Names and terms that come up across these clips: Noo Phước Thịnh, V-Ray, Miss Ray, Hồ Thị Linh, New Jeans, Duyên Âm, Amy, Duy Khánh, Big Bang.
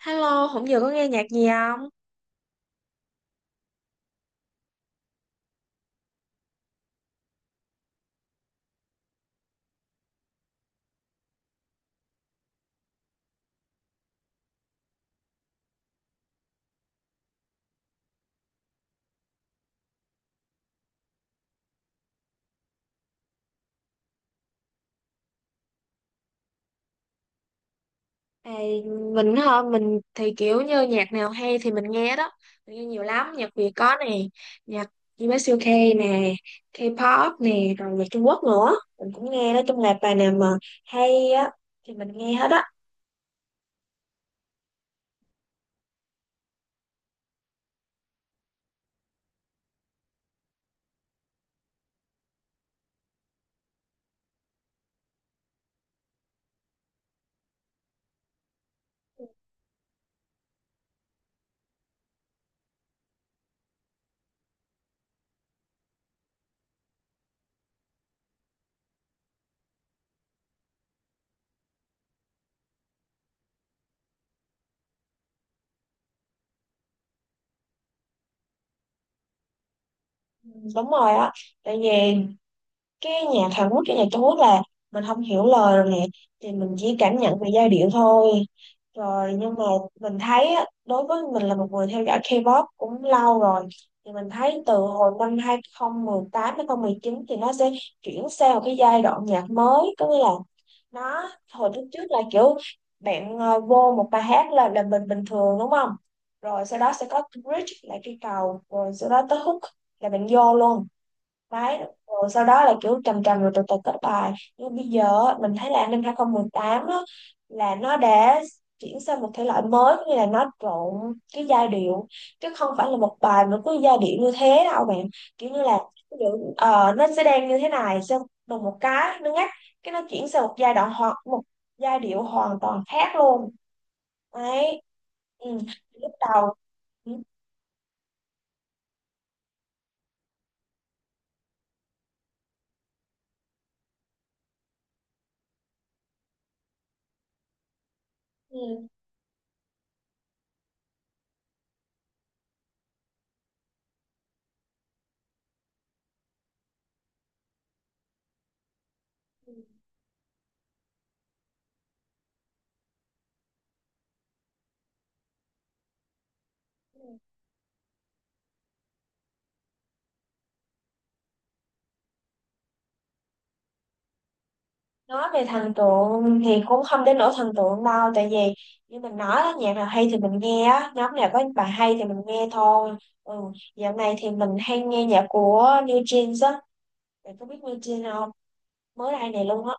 Hello, hôm giờ có nghe nhạc gì không? À, mình hả? Mình thì kiểu như nhạc nào hay thì mình nghe đó. Mình nghe nhiều lắm, nhạc Việt có nè, nhạc US UK nè, K-pop nè, rồi nhạc Trung Quốc nữa. Mình cũng nghe đó, trong là bài nào mà hay á thì mình nghe hết á. Ừ, đúng rồi á. Tại vì cái nhạc Hàn Quốc cái nhạc Trung Quốc là mình không hiểu lời rồi nè, thì mình chỉ cảm nhận về giai điệu thôi. Rồi nhưng mà mình thấy á, đối với mình là một người theo dõi K-pop cũng lâu rồi, thì mình thấy từ hồi năm 2018 chín thì nó sẽ chuyển sang một cái giai đoạn nhạc mới, có nghĩa là nó hồi trước trước là kiểu bạn vô một bài hát là mình bình thường đúng không, rồi sau đó sẽ có bridge là cái cầu, rồi sau đó tới hook là bạn vô luôn đấy, rồi sau đó là kiểu trầm trầm rồi từ từ kết bài. Nhưng bây giờ á, mình thấy là an ninh 2018 á, là nó đã chuyển sang một thể loại mới, cũng như là nó trộn cái giai điệu, chứ không phải là một bài mà cứ giai điệu như thế đâu bạn. Kiểu như là ví dụ, nó sẽ đang như thế này, xong đùng một cái nó ngắt, cái nó chuyển sang một giai đoạn hoặc một giai điệu hoàn toàn khác luôn đấy. Ừ. Lúc đầu ừ. Ừ. Ừ, ừ. Nói về thần tượng thì cũng không đến nỗi thần tượng đâu, tại vì như mình nói á, nhạc nào hay thì mình nghe á, nhóm nào có bài hay thì mình nghe thôi. Ừ. Dạo này thì mình hay nghe nhạc của New Jeans á. Bạn có biết New Jeans không? Mới đây này luôn á.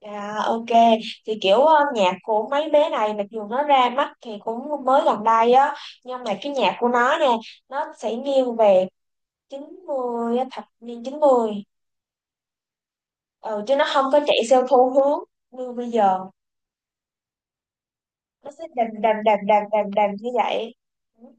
À, ok, thì kiểu nhạc của mấy bé này mặc dù nó ra mắt thì cũng mới gần đây á, nhưng mà cái nhạc của nó nè nó sẽ nghiêng về 90 á, thập niên 90. Ừ, chứ nó không có chạy theo xu hướng như bây giờ. Nó sẽ đành đành đành đành đành đành như vậy. Cũng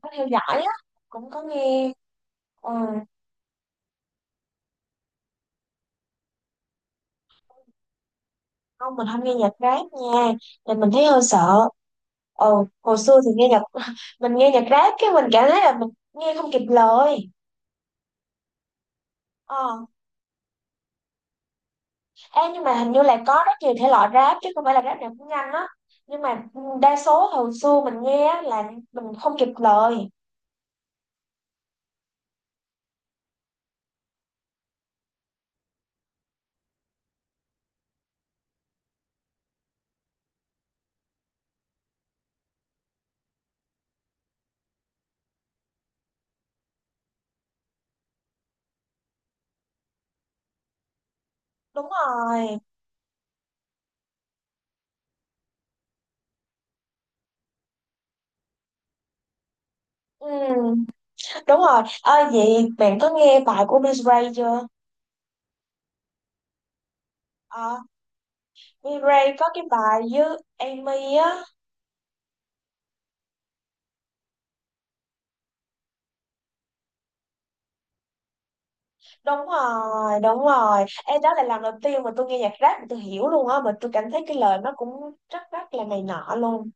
có theo dõi á, cũng có nghe. Ừ. Không, mình không nghe nhạc rap nha, thì mình thấy hơi sợ. Ồ, hồi xưa thì nghe nhạc mình nghe nhạc rap cái mình cảm thấy là mình nghe không kịp lời. ờ Ê, nhưng mà hình như là có rất nhiều thể loại rap, chứ không phải là rap nào cũng nhanh á. Nhưng mà đa số hồi xưa mình nghe á là mình không kịp lời. Đúng rồi. Ừ, đúng rồi ơi, vậy bạn có nghe bài của Miss Ray chưa? Ờ, V-Ray có cái bài với Amy á. Đúng rồi, đúng rồi. Ê, đó là lần đầu tiên mà tôi nghe nhạc rap mà tôi hiểu luôn á, mà tôi cảm thấy cái lời nó cũng rất rất là này nọ luôn.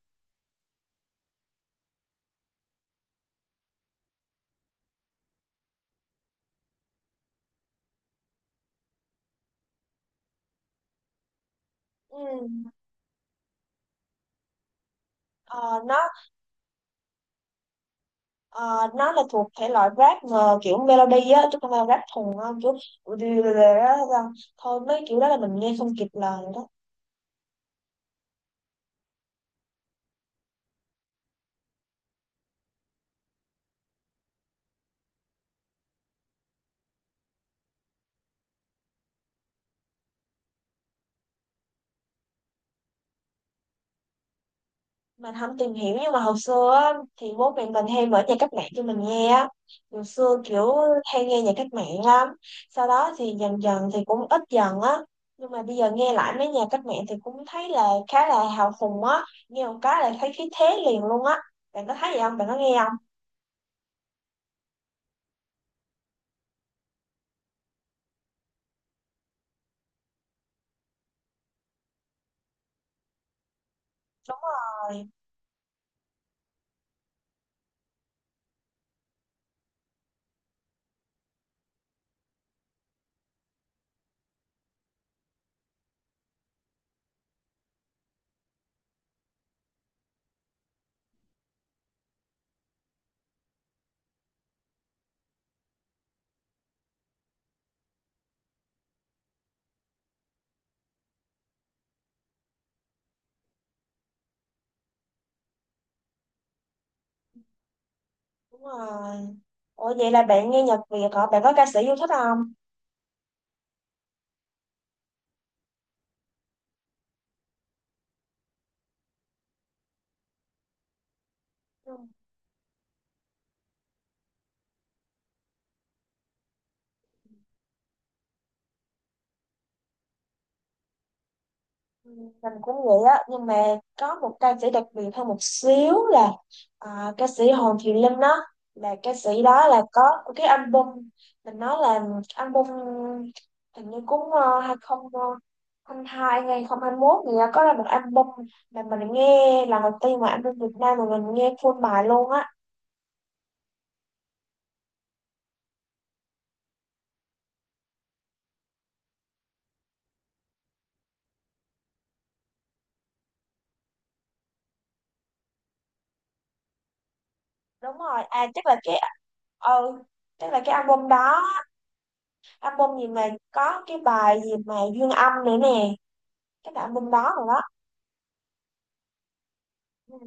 Ừ. Ờ, nó ờ, nó là thuộc thể loại rap mà kiểu melody á, chứ không phải rap thùng á. Kiểu thôi mấy kiểu đó là mình nghe không kịp lời. Mình không tìm hiểu, nhưng mà hồi xưa á, thì bố mẹ mình hay mở nhạc cách mạng cho mình nghe á. Hồi xưa kiểu hay nghe nhạc cách mạng lắm. Sau đó thì dần dần thì cũng ít dần á. Nhưng mà bây giờ nghe lại mấy nhạc cách mạng thì cũng thấy là khá là hào hùng á. Nghe một cái là thấy khí thế liền luôn á. Bạn có thấy vậy không, bạn có nghe không? Đúng rồi, đúng rồi. Ủa vậy là bạn nghe nhạc Việt hả, bạn có ca sĩ yêu thích không? Ừ, mình cũng vậy á, nhưng mà có một ca sĩ đặc biệt hơn một xíu là, à, ca sĩ Hồ Thị Linh đó. Là ca sĩ đó là có cái album, mình nói là album hình như cũng 2022 hay 2021 thì có ra một album, mà mình nghe lần đầu tiên mà album Việt Nam mà mình nghe full bài luôn á. Đúng rồi, à chắc là cái ừ chắc là cái album đó, album gì mà có cái bài gì mà Duyên Âm nữa nè, cái album đó rồi đó. Ừ.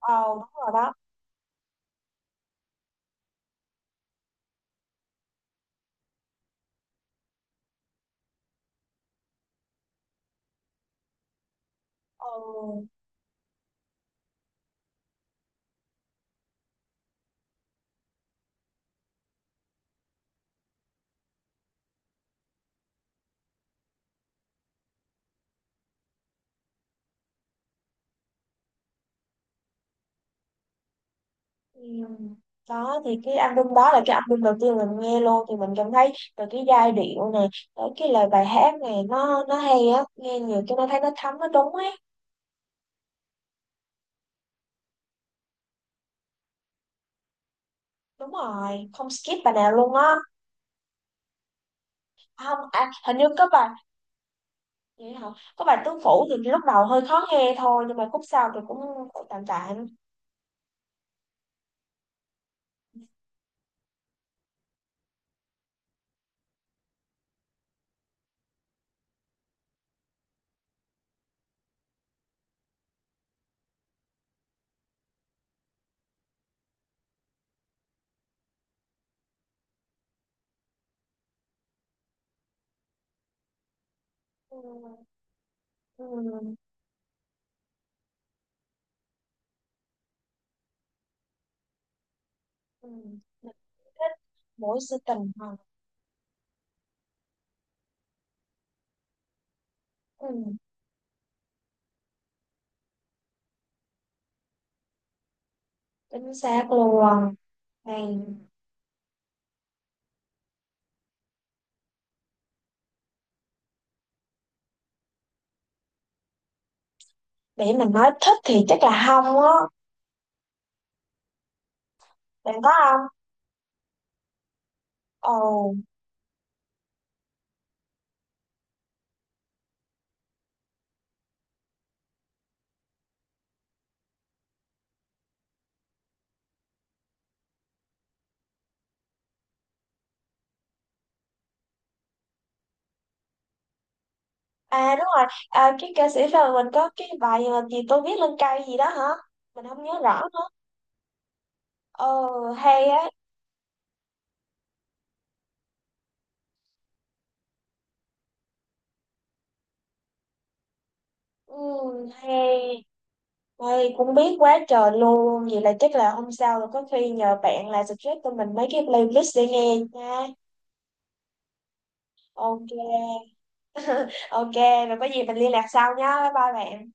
Ờ đúng rồi đó. Ừ. Ừ. Đó thì cái album đó là cái album đầu tiên mình nghe luôn, thì mình cảm thấy từ cái giai điệu này tới cái lời bài hát này nó hay á, nghe nhiều cái nó thấy nó thấm nó đúng ấy. Đúng rồi, không skip bài nào luôn á. À, không, à, hình như có bài, vậy hả, có bài tứ phủ thì lúc đầu hơi khó nghe thôi, nhưng mà khúc sau thì cũng tạm tạm. Ừ. Ừ. Ừ. Mình thích mỗi sự tình hả. Ừ. Chính xác luôn. Hay. Để mình nói thích thì chắc là không á. Bạn có không? Ồ. À đúng rồi, à, cái ca sĩ rồi mình có cái bài mà gì tôi viết lên cây gì đó hả? Mình không nhớ rõ nữa. Ờ. Hay á. Ừ, hay. Ôi, cũng biết quá trời luôn. Vậy là chắc là hôm sau rồi có khi nhờ bạn là suggest cho mình mấy cái playlist để nghe nha. Ok. Ok, rồi có gì mình liên lạc sau nha. Bye bye bạn.